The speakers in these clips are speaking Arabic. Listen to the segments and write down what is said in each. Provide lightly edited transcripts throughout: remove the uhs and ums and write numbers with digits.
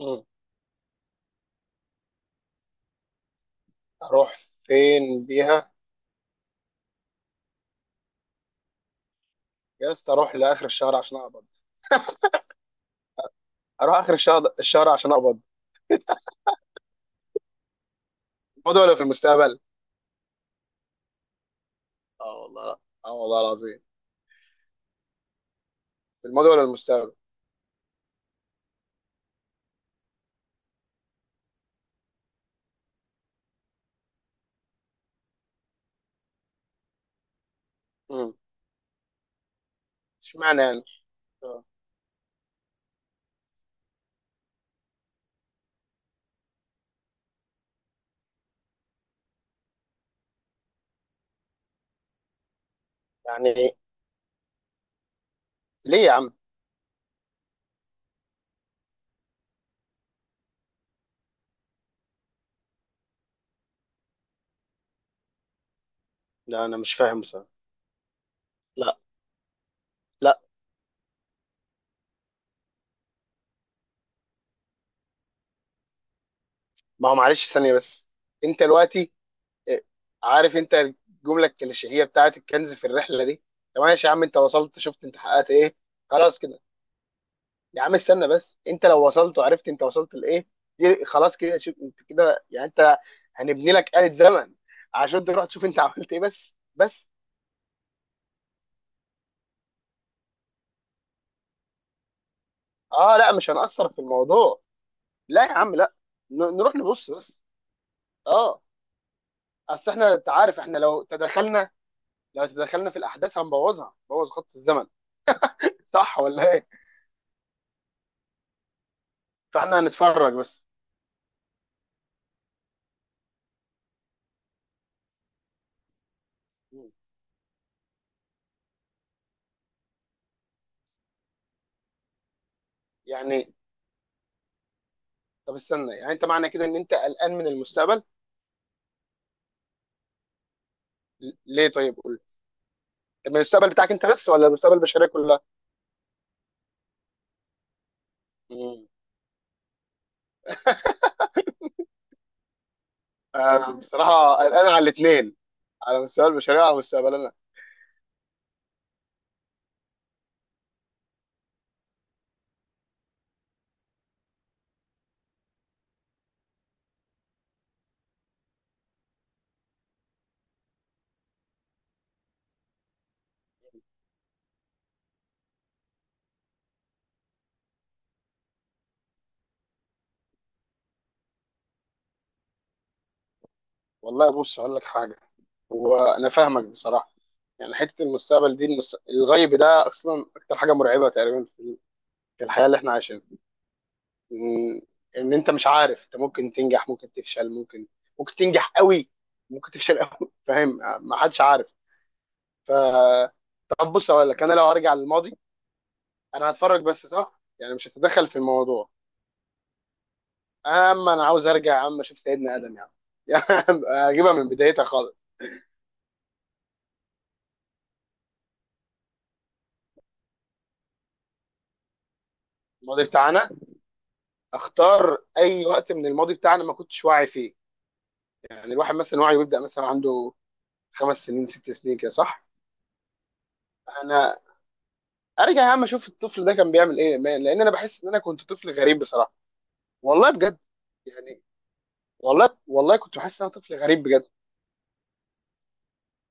مم. اروح فين بيها؟ يا اسطى، اروح لاخر الشهر عشان اقبض. اروح اخر الشهر عشان اقبض. الماضي ولا في المستقبل؟ اه والله لا. اه والله العظيم. في الماضي ولا المستقبل؟ مم. اشمعنى يعني؟ آه. يعني ليه يا عم؟ لا انا مش فاهم بصراحه. لا لا. ما هو معلش ثانيه بس، انت دلوقتي، آه، عارف انت الجمله الكليشيهيه بتاعت الكنز في الرحله دي؟ طب ماشي يا عم، انت وصلت، شفت انت حققت ايه؟ خلاص كده. يا عم استنى بس، انت لو وصلت وعرفت انت وصلت لايه، دي خلاص كده. شوف انت كده يعني انت، هنبني لك آلة زمن عشان تروح تشوف انت عملت ايه بس بس. اه لا، مش هنأثر في الموضوع. لا يا عم لا. نروح نبص بس. اه. اصل احنا، انت عارف، احنا لو تدخلنا، في الاحداث هنبوظها، نبوظ خط الزمن. صح ولا ايه؟ فاحنا هنتفرج بس. يعني طب استنى، يعني انت معنى كده ان انت قلقان من المستقبل؟ ليه طيب قول لي. من المستقبل بتاعك انت بس ولا المستقبل البشريه كلها؟ مم. انا بصراحه قلقان على الاثنين، على مستوى البشريه وعلى مستقبلنا. والله بص هقول لك حاجه، وانا فاهمك بصراحه. يعني حته المستقبل دي، الغيب ده اصلا اكتر حاجه مرعبه تقريبا في الحياه اللي احنا عايشينها. ان إن انت مش عارف، انت ممكن تنجح ممكن تفشل ممكن، ممكن تنجح قوي، ممكن تفشل قوي. فاهم؟ ما حدش عارف. ف طب بص هقول لك، انا لو هرجع للماضي انا هتفرج بس، صح؟ يعني مش هتدخل في الموضوع. يا عم انا عاوز ارجع يا عم اشوف سيدنا ادم يا عم. يا عم اجيبها من بدايتها خالص. الماضي بتاعنا، اختار اي وقت من الماضي بتاعنا ما كنتش واعي فيه. يعني الواحد مثلا وعيه بيبدا مثلا عنده خمس سنين ست سنين كده، صح؟ انا ارجع يا عم اشوف الطفل ده كان بيعمل ايه. لان انا بحس ان انا كنت طفل غريب بصراحه. والله بجد. يعني والله والله كنت بحس ان انا طفل غريب بجد.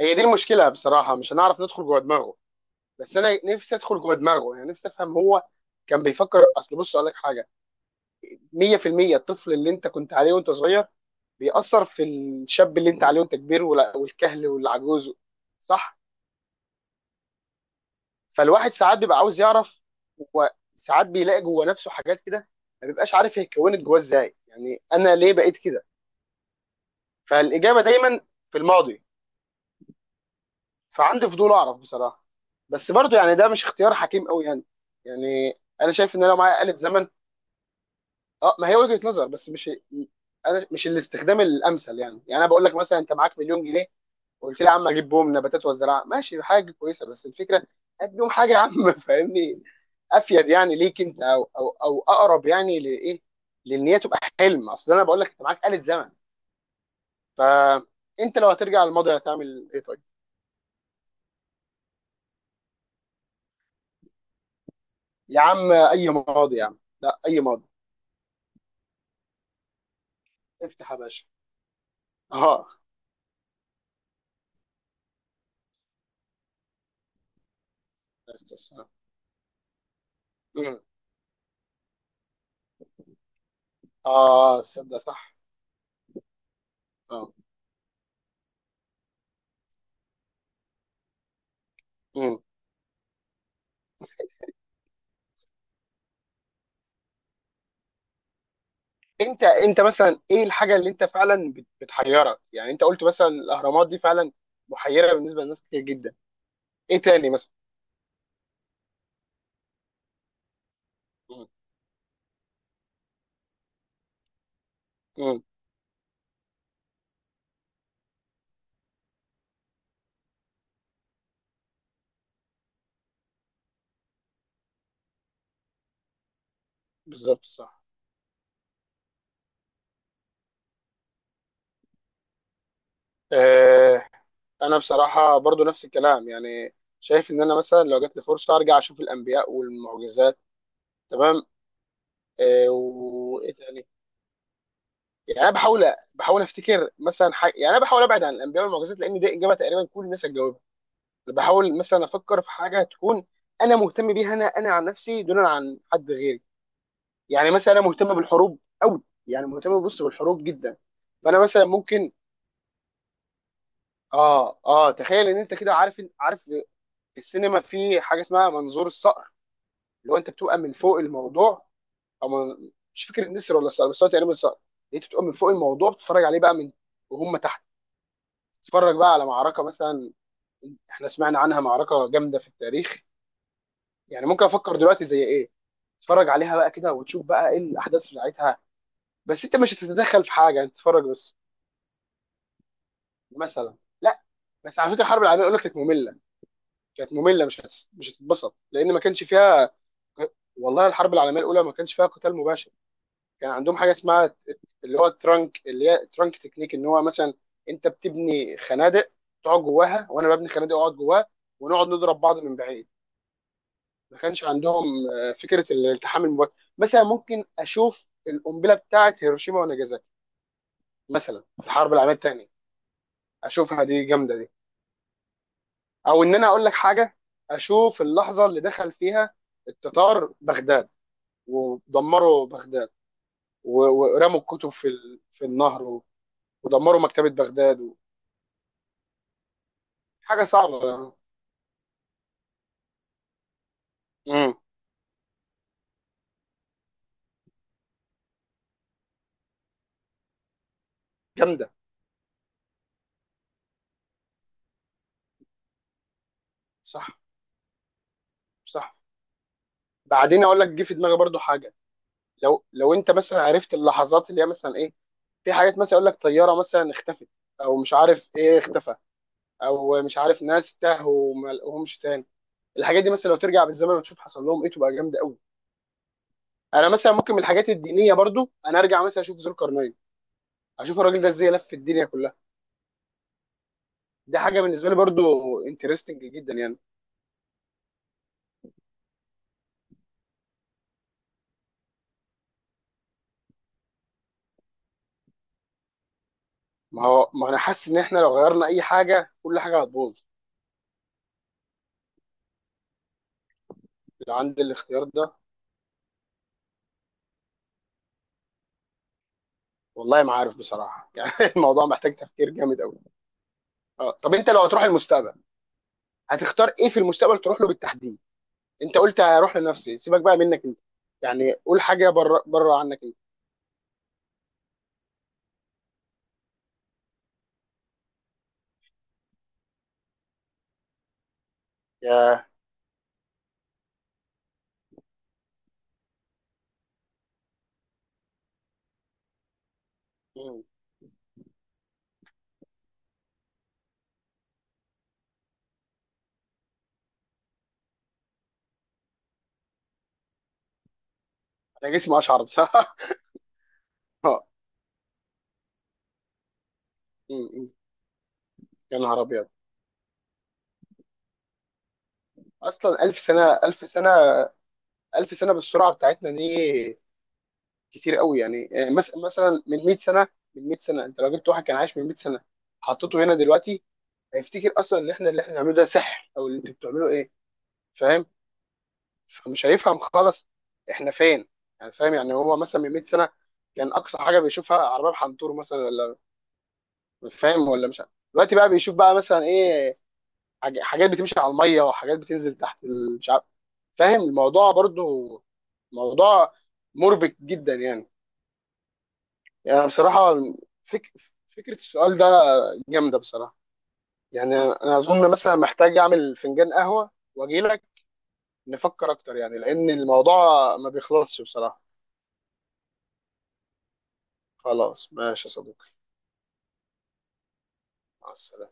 هي دي المشكله بصراحه، مش هنعرف ندخل جوه دماغه. بس انا نفسي ادخل جوه دماغه، يعني نفسي افهم هو كان بيفكر. اصل بص اقول لك حاجه، 100% الطفل اللي انت كنت عليه وانت صغير بيأثر في الشاب اللي انت عليه وانت كبير والكهل والعجوز، صح؟ فالواحد ساعات بيبقى عاوز يعرف، وساعات بيلاقي جوه نفسه حاجات كده. ما بيبقاش عارف هي اتكونت جواه ازاي، يعني انا ليه بقيت كده. فالإجابة دايما في الماضي. فعندي فضول اعرف بصراحة. بس برضه يعني ده مش اختيار حكيم قوي يعني. يعني انا شايف ان انا لو معايا آلة زمن. اه ما هي وجهة نظر بس مش، انا مش الاستخدام الامثل يعني. انا بقول لك مثلا انت معاك مليون جنيه، قلت لي يا عم اجيب بوم نباتات وزراعه. ماشي حاجه كويسه، بس الفكره قدم حاجه يا عم. فاهمني؟ افيد يعني ليك انت او اقرب يعني لايه. لان هي تبقى حلم. اصل انا بقول لك انت معاك آلة زمن، فانت لو هترجع للماضي هتعمل ايه طيب؟ يا عم اي ماضي يا عم، لا اي ماضي. افتح يا باشا. اه بس بس اه. مم. آه، صدق صح. اه. مم. انت مثلا ايه الحاجه اللي انت فعلا بتحيرك؟ يعني انت قلت مثلا الاهرامات، دي فعلا محيره بالنسبه لناس كتير جدا. ايه تاني مثلا؟ مم. مم. بالظبط صح. آه. انا بصراحه برضو نفس الكلام يعني، شايف ان انا مثلا لو جات لي فرصه ارجع اشوف الانبياء والمعجزات، تمام. آه، وايه تاني؟ يعني انا بحاول، بحاول افتكر مثلا حاجه. يعني انا بحاول ابعد عن الانبياء والمعجزات لان دي اجابه تقريبا كل الناس هتجاوبها. بحاول مثلا افكر في حاجه تكون انا مهتم بيها، انا عن نفسي دون عن حد غيري. يعني مثلا انا مهتم بالحروب قوي، يعني مهتم بص بالحروب جدا. فانا مثلا ممكن، اه اه تخيل ان انت كده، عارف في السينما في حاجه اسمها منظور الصقر، اللي هو انت بتبقى من فوق الموضوع. او من... مش فاكر النسر ولا الصقر، بس هو تقريبا الصقر. انت بتبقى من فوق الموضوع بتتفرج عليه بقى من، وهم تحت. تتفرج بقى على معركه مثلا احنا سمعنا عنها، معركه جامده في التاريخ. يعني ممكن افكر دلوقتي زي ايه. تتفرج عليها بقى كده وتشوف بقى ايه الاحداث بتاعتها. بس انت مش هتتدخل في حاجه، انت تتفرج بس. مثلا، لا. بس على فكره الحرب العالميه يقول لك كانت ممله. كانت ممله، مش هتتبسط لان ما كانش فيها. والله الحرب العالميه الاولى ما كانش فيها قتال مباشر. كان عندهم حاجه اسمها اللي هو الترانك، اللي هي ترانك تكنيك، ان هو مثلا انت بتبني خنادق تقعد جواها، وانا ببني خنادق اقعد جواها، ونقعد نضرب بعض من بعيد. ما كانش عندهم آه، فكره الالتحام المباشر. مثلا ممكن اشوف القنبله بتاعه هيروشيما وناجازاكي، مثلا في الحرب العالميه الثانيه. اشوفها، دي جامده دي. او ان انا اقول لك حاجه، اشوف اللحظه اللي دخل فيها التتار بغداد، ودمروا بغداد و- ورموا الكتب في في النهر ودمروا مكتبة بغداد حاجة صعبة يعني. امم. جامدة. صح صح. بعدين اقول لك جه في دماغي برضو حاجة. لو انت مثلا عرفت اللحظات اللي هي مثلا ايه. في حاجات مثلا يقول لك طيارة مثلا اختفت، او مش عارف ايه اختفى، او مش عارف ناس تاهوا وما لقوهمش تاني. الحاجات دي مثلا لو ترجع بالزمن وتشوف حصل لهم ايه تبقى جامدة قوي. انا مثلا ممكن من الحاجات الدينية برضو انا ارجع مثلا اشوف ذو القرنين، اشوف الراجل ده ازاي لف الدنيا كلها. دي حاجة بالنسبة لي برضو انترستنج جدا يعني. ما هو ما انا حاسس ان احنا لو غيرنا اي حاجه كل حاجه هتبوظ. لو عند الاختيار ده، والله ما عارف بصراحه. يعني الموضوع محتاج تفكير جامد قوي. اه طب انت لو هتروح المستقبل، هتختار ايه في المستقبل تروح له بالتحديد؟ انت قلت هروح لنفسي، سيبك بقى منك انت، يعني قول حاجه بره بره عنك انت. يا. مم. انا جسمي اشعر بصراحه. اه. مم. مم. يا نهار ابيض. اصلا 1000 سنه، 1000 سنه، 1000 سنه بالسرعه بتاعتنا دي كتير قوي يعني. آه، مثلا من 100 سنه، من 100 سنه انت لو جبت واحد كان عايش من 100 سنه حطيته هنا دلوقتي، هيفتكر اصلا ان احنا اللي احنا بنعمله ده سحر، او اللي انتوا بتعملوه ايه. فاهم؟ فمش هيفهم خالص احنا فين. يعني فاهم؟ يعني هو مثلا من 100 سنه كان اقصى حاجه بيشوفها عربيه بحنطور مثلا، ولا مش فاهم ولا مش عارف. دلوقتي بقى بيشوف بقى مثلا ايه، حاجات بتمشي على الميه وحاجات بتنزل تحت مش عارف. فاهم الموضوع برضو؟ موضوع مربك جدا يعني. يعني بصراحة، فك... فكرة السؤال ده جامدة بصراحة. يعني أنا أظن مثلا محتاج أعمل فنجان قهوة وأجي لك نفكر أكتر، يعني لأن الموضوع ما بيخلصش بصراحة. خلاص ماشي يا صديقي. مع السلامة.